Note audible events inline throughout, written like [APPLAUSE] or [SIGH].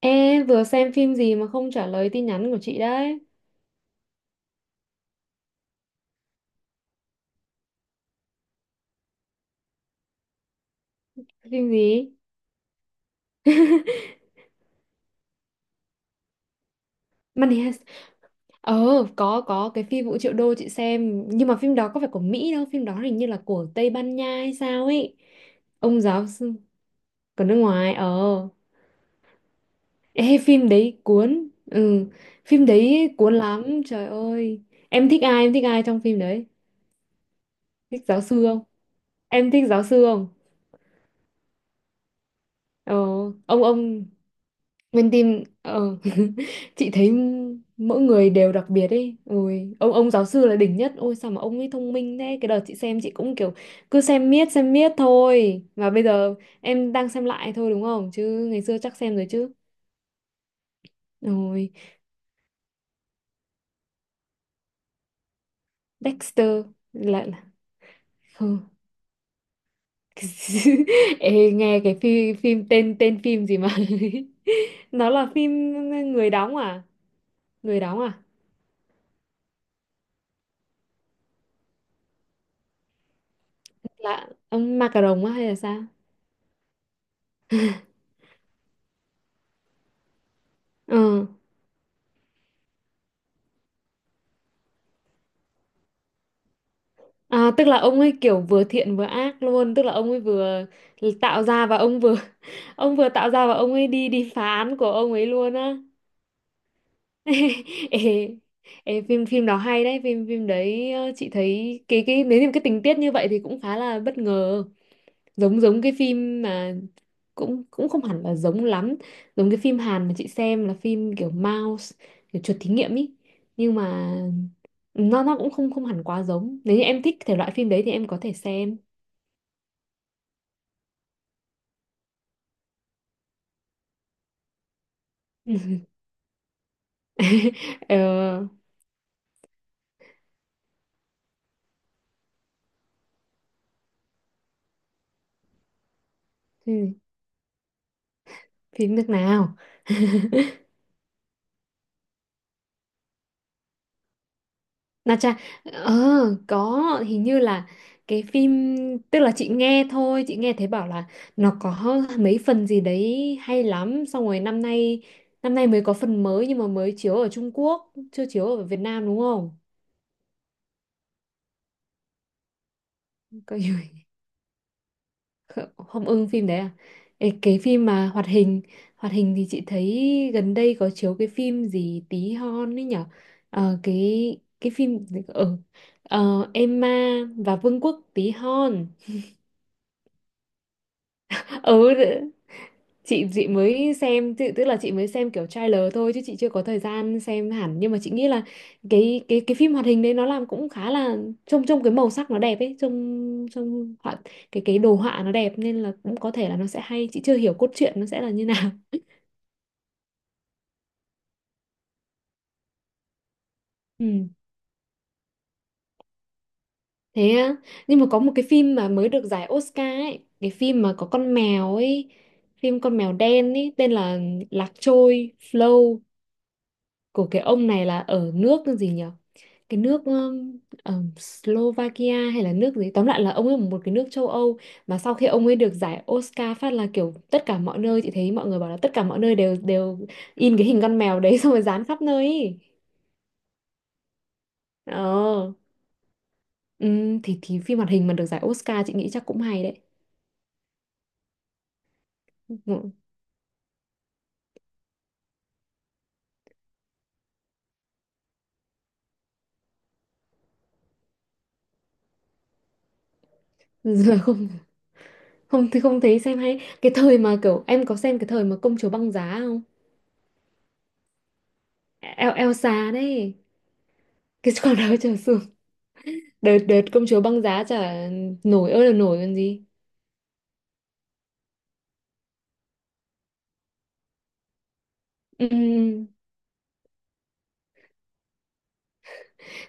Ê, vừa xem phim gì mà không trả lời tin nhắn của chị đấy? Phim gì? [LAUGHS] Money Heist. Ờ, có cái phim Vũ Triệu Đô chị xem, nhưng mà phim đó có phải của Mỹ đâu, phim đó hình như là của Tây Ban Nha hay sao ấy. Ông giáo sư của nước ngoài. Ờ. Ê, phim đấy cuốn. Ừ, phim đấy cuốn lắm, trời ơi. Em thích ai trong phim đấy? Thích giáo sư không? Em thích giáo sư không? Ờ, ông mình tìm [LAUGHS] chị thấy mỗi người đều đặc biệt ấy. Ôi, ông giáo sư là đỉnh nhất. Ôi sao mà ông ấy thông minh thế? Cái đợt chị xem chị cũng kiểu cứ xem miết thôi. Mà bây giờ em đang xem lại thôi đúng không? Chứ ngày xưa chắc xem rồi chứ. Ôi, Dexter lại là không. [LAUGHS] Ê, nghe cái phim, phim tên tên phim gì mà [LAUGHS] nó là phim người đóng à, người đóng à, là ông Macaron á hay là sao? Ờ. À, tức là ông ấy kiểu vừa thiện vừa ác luôn, tức là ông ấy vừa tạo ra và ông vừa [LAUGHS] ông vừa tạo ra và ông ấy đi đi phá án của ông ấy luôn á. [LAUGHS] Ê, ê, phim phim đó hay đấy, phim phim đấy chị thấy cái nếu như cái tình tiết như vậy thì cũng khá là bất ngờ, giống giống cái phim mà cũng cũng không hẳn là giống lắm, giống cái phim Hàn mà chị xem là phim kiểu Mouse, kiểu chuột thí nghiệm ý, nhưng mà nó cũng không không hẳn quá giống. Nếu như em thích thể loại phim đấy thì em có thể xem. [LAUGHS] ờ Thế phim nước nào? Na cha ờ, có, hình như là cái phim, tức là chị nghe thôi, chị nghe thấy bảo là nó có mấy phần gì đấy hay lắm, xong rồi năm nay, năm nay mới có phần mới nhưng mà mới chiếu ở Trung Quốc chưa chiếu ở Việt Nam đúng không? Có gì. [LAUGHS] Kh- Không ưng phim đấy à? Ê, cái phim mà hoạt hình, hoạt hình thì chị thấy gần đây có chiếu cái phim gì tí hon ấy nhở. Ờ, cái phim ở, ờ, Emma và Vương quốc tí hon. Ừ, chị mới xem tự- tức là chị mới xem kiểu trailer thôi chứ chị chưa có thời gian xem hẳn, nhưng mà chị nghĩ là cái phim hoạt hình đấy nó làm cũng khá là, trông trông cái màu sắc nó đẹp ấy, trông trông họa, cái đồ họa nó đẹp nên là cũng có thể là nó sẽ hay, chị chưa hiểu cốt truyện nó sẽ là như [LAUGHS] nào. Ừ, thế á? Nhưng mà có một cái phim mà mới được giải Oscar ấy, cái phim mà có con mèo ấy, phim con mèo đen ấy tên là Lạc Trôi Flow, của cái ông này là ở nước gì nhỉ, cái nước Slovakia hay là nước gì, tóm lại là ông ấy ở một cái nước châu Âu mà sau khi ông ấy được giải Oscar phát là kiểu tất cả mọi nơi chị thấy mọi người bảo là tất cả mọi nơi đều đều in cái hình con mèo đấy [LAUGHS] xong rồi dán khắp nơi ý. Ờ, ừ, thì phim hoạt hình mà được giải Oscar chị nghĩ chắc cũng hay đấy. Ừ. Giờ [LAUGHS] không, không thì không thấy xem hay, cái thời mà kiểu em có xem, cái thời mà công chúa băng giá không? E, El- Elsa đấy, cái [LAUGHS] con đó trở xuống. Đợt đợt công chúa băng giá chả nổi ơi là nổi còn gì. Ừm,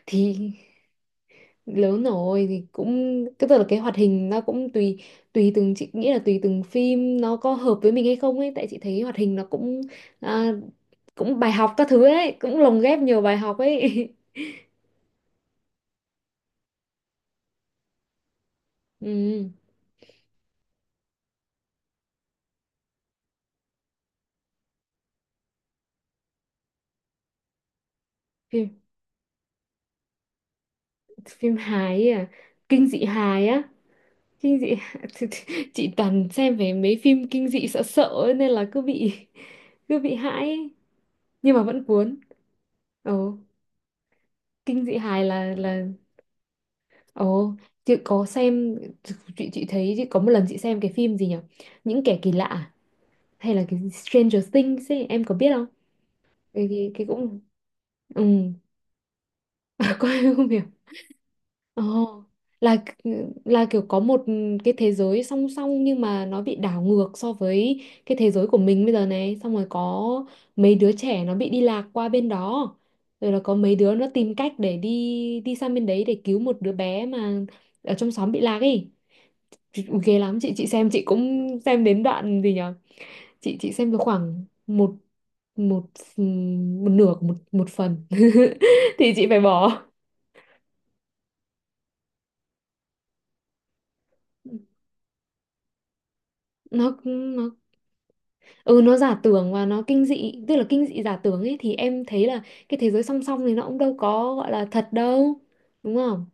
thì lớn rồi thì cũng, cái tức là cái hoạt hình nó cũng tùy, tùy từng, chị nghĩ là tùy từng phim nó có hợp với mình hay không ấy, tại chị thấy hoạt hình nó cũng, à, cũng bài học các thứ ấy, cũng lồng ghép nhiều bài học ấy. [LAUGHS] Ừm, phim phim hài ấy à? Kinh dị hài á? Kinh dị, [LAUGHS] chị toàn xem về mấy phim kinh dị sợ sợ ấy, nên là cứ bị, cứ bị hãi ấy. Nhưng mà vẫn cuốn. Ồ, kinh dị hài là, ồ, chị có xem, chị thấy chị có một lần chị xem cái phim gì nhỉ, những kẻ kỳ lạ à? Hay là cái Stranger Things ấy, em có biết không? Cái cũng, ừ, [LAUGHS] coi không hiểu. Ồ, là là kiểu có một cái thế giới song song nhưng mà nó bị đảo ngược so với cái thế giới của mình bây giờ này, xong rồi có mấy đứa trẻ nó bị đi lạc qua bên đó. Rồi là có mấy đứa nó tìm cách để đi đi sang bên đấy để cứu một đứa bé mà ở trong xóm bị lạc ấy. Chị- Ui, ghê lắm, chị xem chị cũng xem đến đoạn gì nhở. Chị xem được khoảng một, một, một nửa của một một phần [LAUGHS] thì chị phải bỏ. Nó, ừ, nó giả tưởng và nó kinh dị, tức là kinh dị giả tưởng ấy, thì em thấy là cái thế giới song song này nó cũng đâu có gọi là thật đâu đúng không?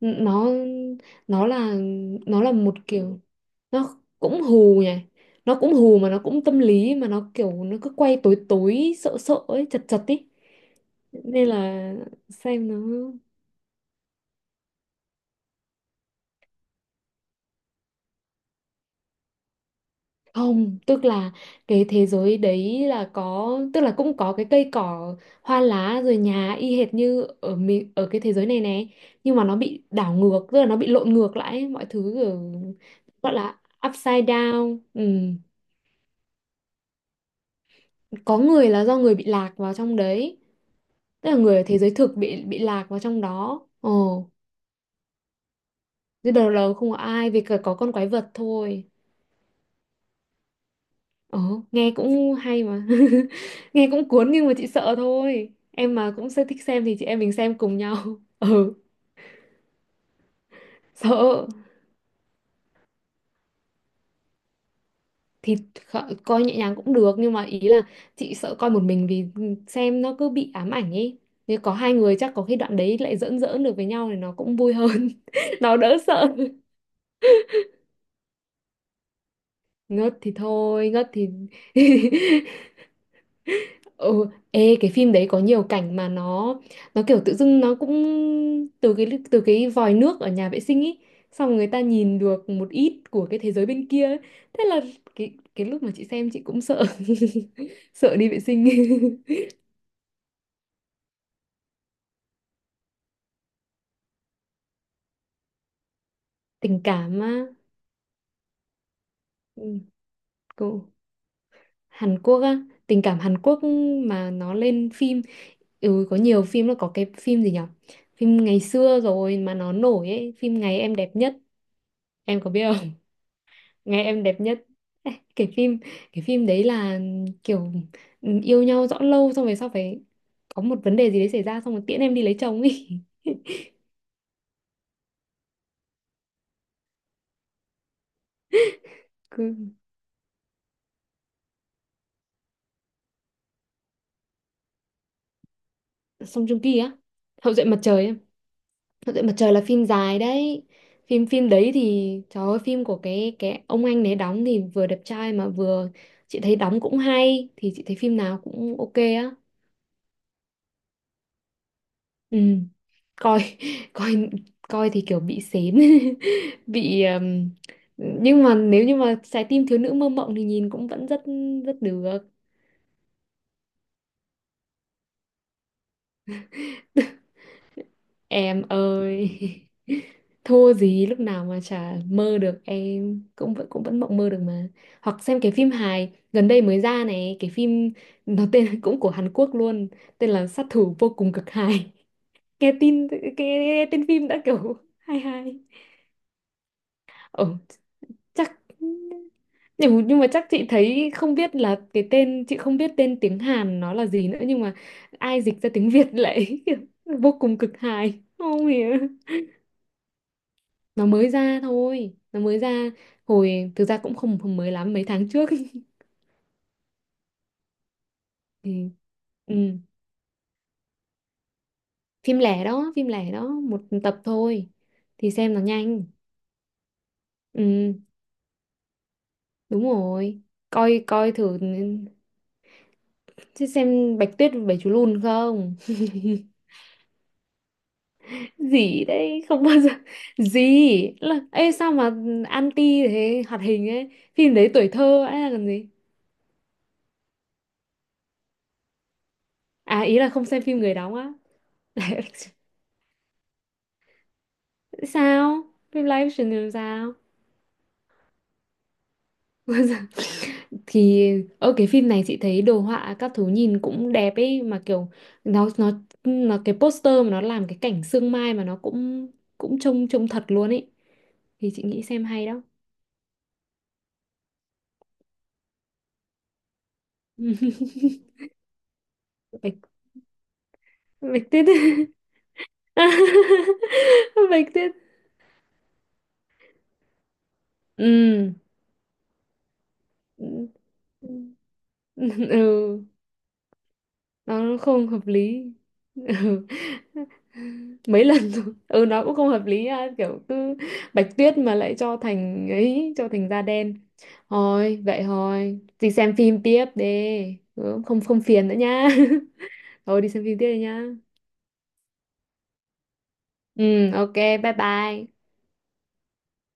N- nó là, nó là một kiểu, nó cũng hù nhỉ, nó cũng hù mà nó cũng tâm lý, mà nó kiểu nó cứ quay tối tối sợ sợ ấy, chật chật ấy, nên là xem nó. Không, tức là cái thế giới đấy là có, tức là cũng có cái cây cỏ, hoa lá rồi nhà y hệt như ở mi- ở cái thế giới này nè, nhưng mà nó bị đảo ngược, tức là nó bị lộn ngược lại, ấy, mọi thứ kiểu gọi là upside down. Ừ. Có người là do người bị lạc vào trong đấy, tức là người ở thế giới thực bị lạc vào trong đó. Ồ, thế đầu là không có ai, vì cả có con quái vật thôi. Ồ, nghe cũng hay mà. [LAUGHS] Nghe cũng cuốn nhưng mà chị sợ thôi. Em mà cũng sẽ thích xem thì chị em mình xem cùng nhau. [LAUGHS] Ừ, sợ. Thì kh- coi nhẹ nhàng cũng được. Nhưng mà ý là chị sợ coi một mình, vì xem nó cứ bị ám ảnh ấy. Nếu có hai người chắc có khi đoạn đấy lại giỡn giỡn được với nhau thì nó cũng vui hơn. [LAUGHS] Nó đỡ sợ. Ngất thì thôi, ngất thì [LAUGHS] ừ, ê cái phim đấy có nhiều cảnh mà nó kiểu tự dưng nó cũng từ cái, từ cái vòi nước ở nhà vệ sinh ý, xong rồi người ta nhìn được một ít của cái thế giới bên kia ấy. Thế là cái lúc mà chị xem chị cũng sợ, [LAUGHS] sợ đi vệ sinh. [LAUGHS] Tình cảm á? Ừ, cô, Hàn Quốc á, tình cảm Hàn Quốc mà nó lên phim. Ừ, có nhiều phim, là có cái phim gì nhở, phim ngày xưa rồi mà nó nổi ấy, phim Ngày em đẹp nhất, em có biết? Nghe em đẹp nhất. Ê, cái phim, cái phim đấy là kiểu, ừ, yêu nhau rõ lâu xong về sau phải có một vấn đề gì đấy xảy ra xong rồi tiễn em đi lấy chồng ấy. [LAUGHS] Cứ... Song Joong Ki á. Hậu duệ mặt trời em. Hậu duệ mặt trời là phim dài đấy, phim phim đấy thì trời ơi, phim của cái ông anh đấy đóng thì vừa đẹp trai mà vừa, chị thấy đóng cũng hay, thì chị thấy phim nào cũng ok á. Ừ, coi [LAUGHS] coi, coi thì kiểu bị sến, [LAUGHS] bị nhưng mà nếu như mà trái tim thiếu nữ mơ mộng thì nhìn cũng vẫn rất rất được. Em ơi, [LAUGHS] thua gì, lúc nào mà chả mơ được, em cũng vẫn mộng mơ được mà. Hoặc xem cái phim hài gần đây mới ra này, cái phim nó tên [LAUGHS] cũng của Hàn Quốc luôn, tên là Sát thủ vô cùng cực hài. [LAUGHS] Nghe tin tên phim đã kiểu [LAUGHS] hay hay. Ừ, chắc, nhưng mà chắc chị thấy, không biết là cái tên, chị không biết tên tiếng Hàn nó là gì nữa, nhưng mà ai dịch ra tiếng Việt lại [LAUGHS] vô cùng cực hài không hiểu. Nó mới ra thôi, nó mới ra, hồi thực ra cũng không mới lắm, mấy tháng trước. [LAUGHS] Ừ. Ừ. Phim lẻ đó, phim lẻ đó, một tập thôi thì xem nó nhanh. Ừ, đúng rồi, coi, coi thử. Chứ xem Bạch Tuyết và Bảy Chú Lùn không? Gì đấy không bao giờ. [LAUGHS] Gì là, ê sao mà anti thế, hoạt hình ấy, phim đấy tuổi thơ ấy là cần gì. À, ý là không xem phim người đóng á. [LAUGHS] Sao phim live action thì làm sao? [LAUGHS] Thì ở cái phim này chị thấy đồ họa các thứ nhìn cũng đẹp ấy, mà kiểu nó nó nó cái poster mà nó làm cái cảnh sương mai mà nó cũng, cũng trông trông thật luôn ấy, thì chị nghĩ xem hay đó. [LAUGHS] bạch bạch tuyết. [LAUGHS] Bạch tuyết. Ừ. Ừ. [LAUGHS] Ừ. Nó không hợp lý. [LAUGHS] Ừ. Mấy lần rồi. Ừ, nó cũng không hợp lý á. Kiểu cứ Bạch Tuyết mà lại cho thành ấy, cho thành da đen. Thôi vậy thôi, đi xem phim tiếp đi. Ừ, không không phiền nữa nha. [LAUGHS] Thôi đi xem phim tiếp đi nha. Ừ, ok, bye bye.